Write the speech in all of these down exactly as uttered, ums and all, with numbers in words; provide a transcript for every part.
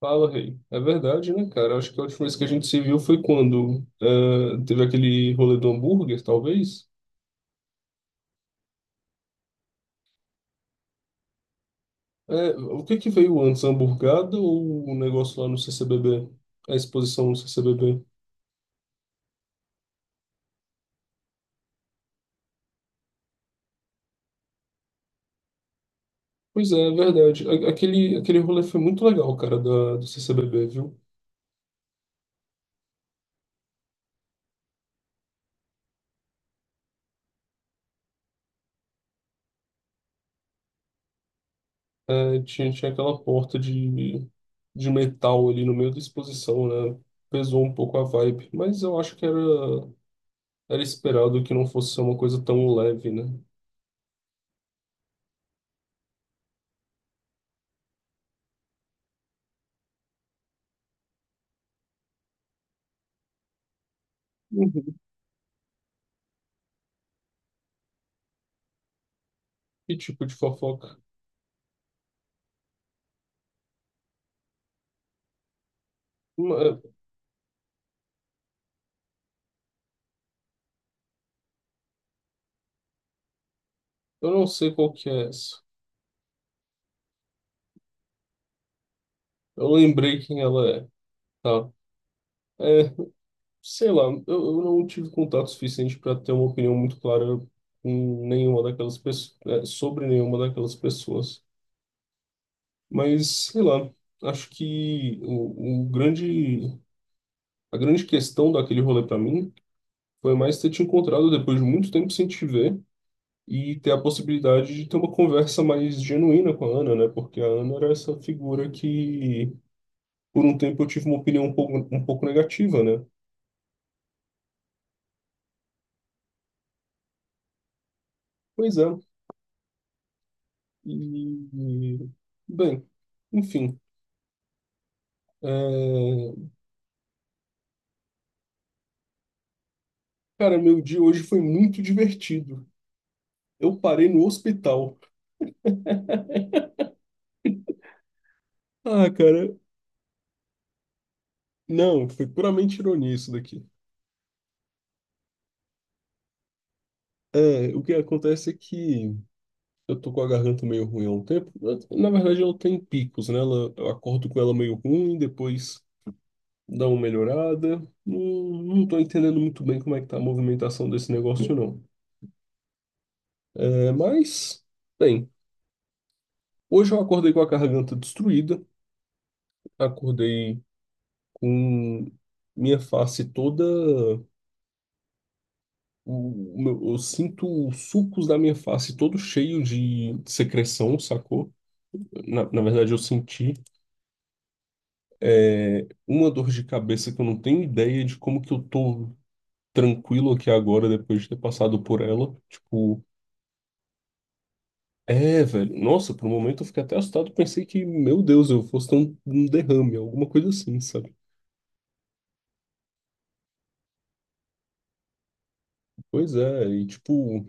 Fala, Rei. É verdade, né, cara? Acho que a última vez que a gente se viu foi quando eh, teve aquele rolê do hambúrguer, talvez. É, o que que veio antes, a hamburgada ou o negócio lá no C C B B? A exposição no C C B B? Pois é, é verdade. A- Aquele, aquele rolê foi muito legal, cara, da, do C C B B, viu? É, tinha, tinha aquela porta de, de metal ali no meio da exposição, né? Pesou um pouco a vibe, mas eu acho que era, era esperado que não fosse ser uma coisa tão leve, né? Que tipo de fofoca? Uma- Eu não sei qual que é essa. Eu lembrei quem ela é. Tá. É, Sei lá, eu, eu não tive contato suficiente para ter uma opinião muito clara com nenhuma daquelas pessoas, sobre nenhuma daquelas pessoas. Mas, sei lá, acho que o, o grande, a grande questão daquele rolê para mim foi mais ter te encontrado depois de muito tempo sem te ver e ter a possibilidade de ter uma conversa mais genuína com a Ana, né? Porque a Ana era essa figura que por um tempo eu tive uma opinião um pouco, um pouco negativa, né? Pois é. E, bem, enfim. é, Cara, meu dia hoje foi muito divertido. Eu parei no hospital. Ah, cara, não, foi puramente ironia isso daqui. É, o que acontece é que eu tô com a garganta meio ruim há um tempo. Na verdade, ela tem picos, né? Ela, eu acordo com ela meio ruim, depois dá uma melhorada. Não, não tô entendendo muito bem como é que tá a movimentação desse negócio, não. É, mas, bem. Hoje eu acordei com a garganta destruída, acordei com minha face toda. O, o meu- eu sinto os sucos da minha face todo cheio de secreção, sacou? Na, na verdade, eu senti é, uma dor de cabeça que eu não tenho ideia de como que eu tô tranquilo aqui agora depois de ter passado por ela. Tipo, é, velho, nossa, por um momento eu fiquei até assustado, pensei que, meu Deus, eu fosse ter um, um derrame, alguma coisa assim, sabe? Pois é, e tipo.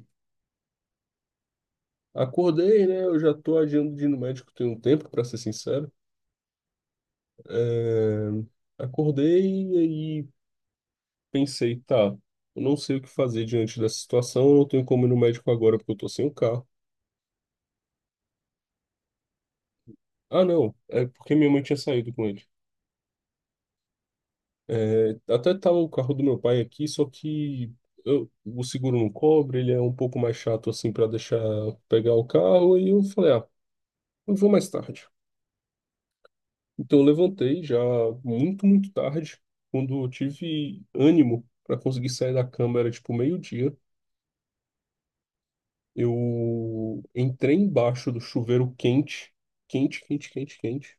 Acordei, né? Eu já tô adiando de ir no médico tem um tempo, para ser sincero. É, Acordei e aí pensei, tá, eu não sei o que fazer diante dessa situação, eu não tenho como ir no médico agora porque eu tô sem o carro. Ah, não, é porque minha mãe tinha saído com ele. É, Até tava o carro do meu pai aqui, só que eu- o seguro não cobre, ele é um pouco mais chato assim para deixar pegar o carro, e eu falei, ah, eu vou mais tarde. Então eu levantei já muito, muito tarde, quando eu tive ânimo para conseguir sair da cama, era tipo meio-dia. Eu entrei embaixo do chuveiro quente, quente, quente, quente, quente,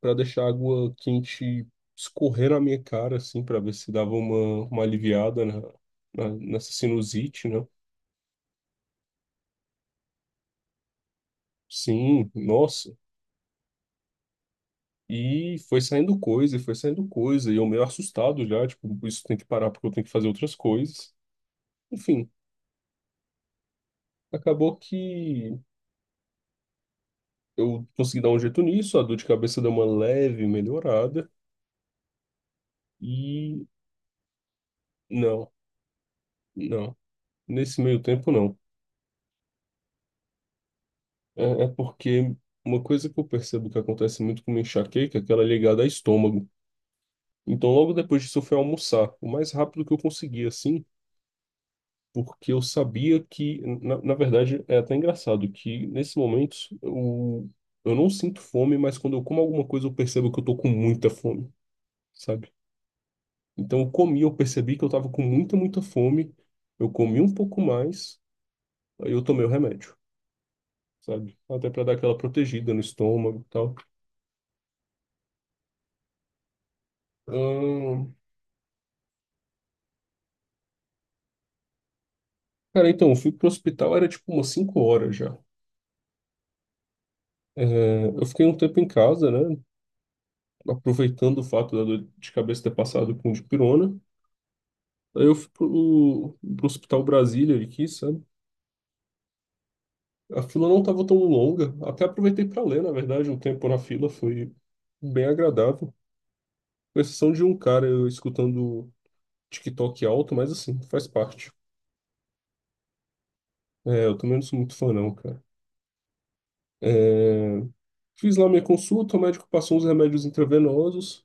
para deixar a água quente escorrer na minha cara, assim, para ver se dava uma, uma aliviada na, na- nessa sinusite, né? Sim, nossa. E foi saindo coisa, e foi saindo coisa, e eu meio assustado já, tipo, isso tem que parar porque eu tenho que fazer outras coisas. Enfim. Acabou que eu consegui dar um jeito nisso, a dor de cabeça deu uma leve melhorada e não, não, nesse meio tempo não. É, é porque uma coisa que eu percebo que acontece muito com uma enxaqueca é que ela é ligada ao estômago. Então logo depois disso eu fui almoçar, o mais rápido que eu consegui assim, porque eu sabia que, na, na verdade é até engraçado que nesses momentos eu, eu não sinto fome, mas quando eu como alguma coisa eu percebo que eu tô com muita fome. Sabe? Então eu comi, eu percebi que eu tava com muita, muita fome. Eu comi um pouco mais, aí eu tomei o remédio, sabe? Até para dar aquela protegida no estômago e tal. Ahn, Cara, então, eu fui pro hospital, era tipo umas cinco horas já. É, eu fiquei um tempo em casa, né? Aproveitando o fato da dor de cabeça ter passado com dipirona. Aí eu fui pro, pro Hospital Brasília aqui, sabe? A fila não tava tão longa. Até aproveitei para ler, na verdade, um tempo na fila foi bem agradável. Com exceção de um cara eu escutando TikTok alto, mas assim, faz parte. É, eu também não sou muito fã, não, cara. É, fiz lá minha consulta, o médico passou uns remédios intravenosos,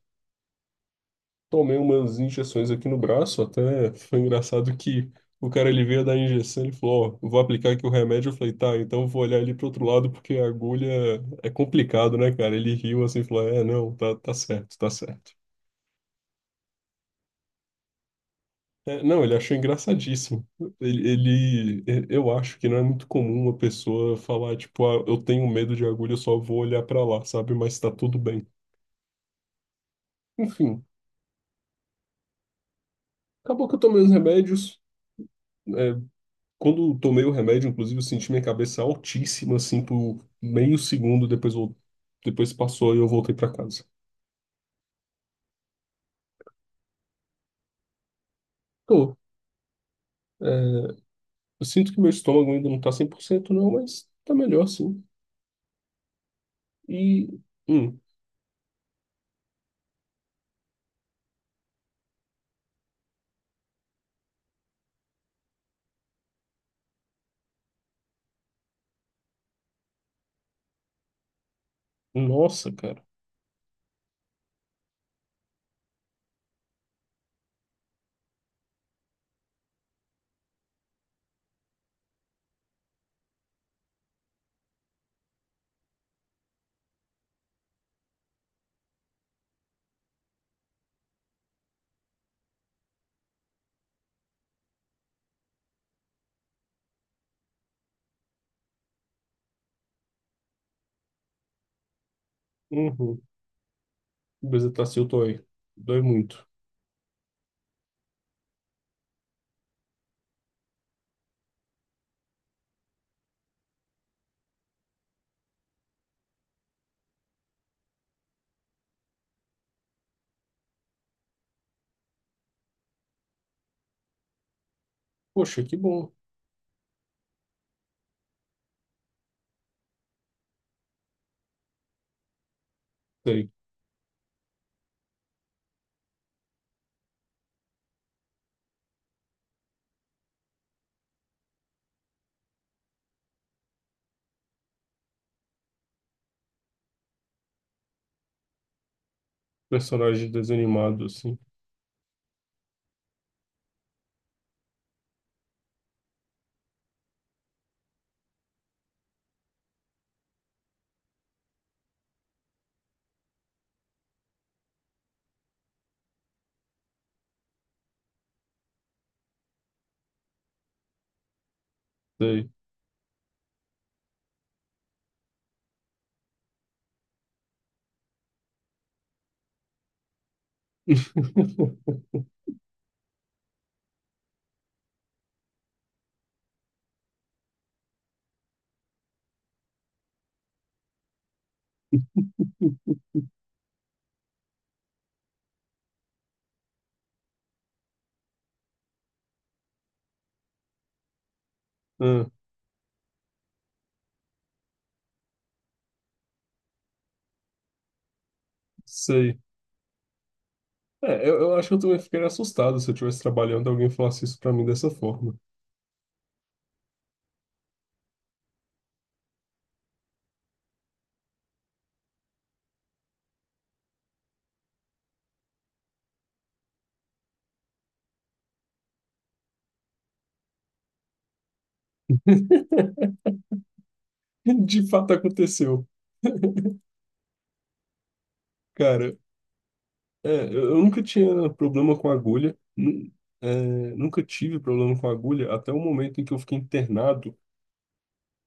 tomei umas injeções aqui no braço, até foi engraçado que o cara ele veio dar a injeção, ele falou, ó, vou aplicar aqui o remédio, eu falei, tá, então eu vou olhar ali pro outro lado porque a agulha é complicado, né, cara? Ele riu assim, falou, é, não, tá, tá certo, tá certo. É, não, ele achou engraçadíssimo. Ele, ele- e- eu acho que não é muito comum uma pessoa falar, tipo, ah, eu tenho medo de agulha, eu só vou olhar pra lá, sabe? Mas tá tudo bem. Enfim, acabou que eu tomei os remédios. É, quando eu tomei o remédio, inclusive, eu senti minha cabeça altíssima, assim, por meio segundo, depois, vol- depois passou e eu voltei pra casa. Tô. É, eu sinto que meu estômago ainda não tá cem por cento, não, mas tá melhor, sim. E, hum, nossa, cara. Uhum. Bezetacil dói. Dói muito. Poxa, que bom. Sei. Personagem desanimado, assim. Sei. Ah, sei. É, eu, eu acho que eu também ficaria assustado se eu estivesse trabalhando e alguém falasse isso pra mim dessa forma. De fato aconteceu. Cara, é, eu eu nunca tinha problema com agulha. Nu- é, Nunca tive problema com agulha até o momento em que eu fiquei internado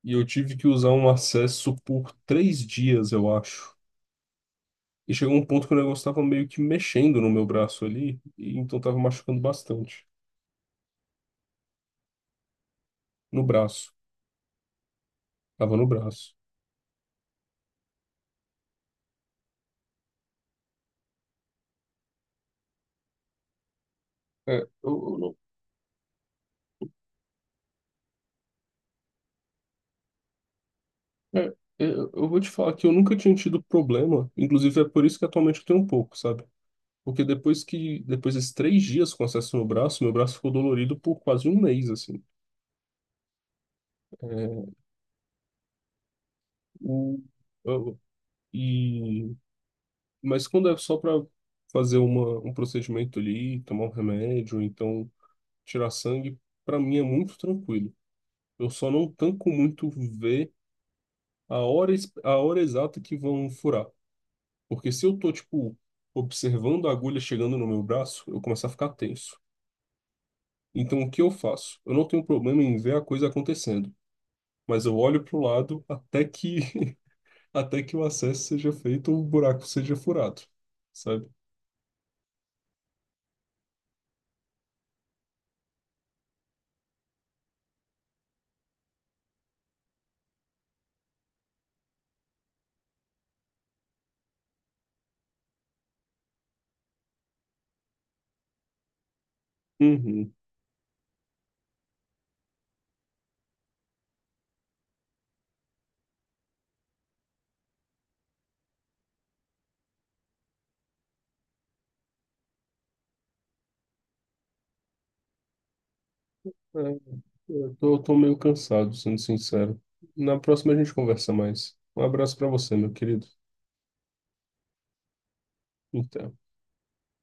e eu tive que usar um acesso por três dias, eu acho. E chegou um ponto que o negócio estava meio que mexendo no meu braço ali, e então estava machucando bastante. No braço. Tava no braço. É, eu, eu não- é, é, Eu vou te falar que eu nunca tinha tido problema. Inclusive, é por isso que atualmente eu tenho um pouco, sabe? Porque depois que, depois desses três dias com acesso no braço, meu braço ficou dolorido por quase um mês, assim. É, o, eu- e, mas quando é só para fazer uma, um procedimento ali, tomar um remédio, então tirar sangue, para mim é muito tranquilo. Eu só não tanco muito ver a hora, es- a hora exata que vão furar. Porque se eu tô, tipo, observando a agulha chegando no meu braço, eu começo a ficar tenso. Então, o que eu faço? Eu não tenho problema em ver a coisa acontecendo, mas eu olho pro lado até que até que o acesso seja feito ou o buraco seja furado, sabe? Uhum. É, eu tô, eu tô meio cansado, sendo sincero. Na próxima a gente conversa mais. Um abraço pra você, meu querido. Até.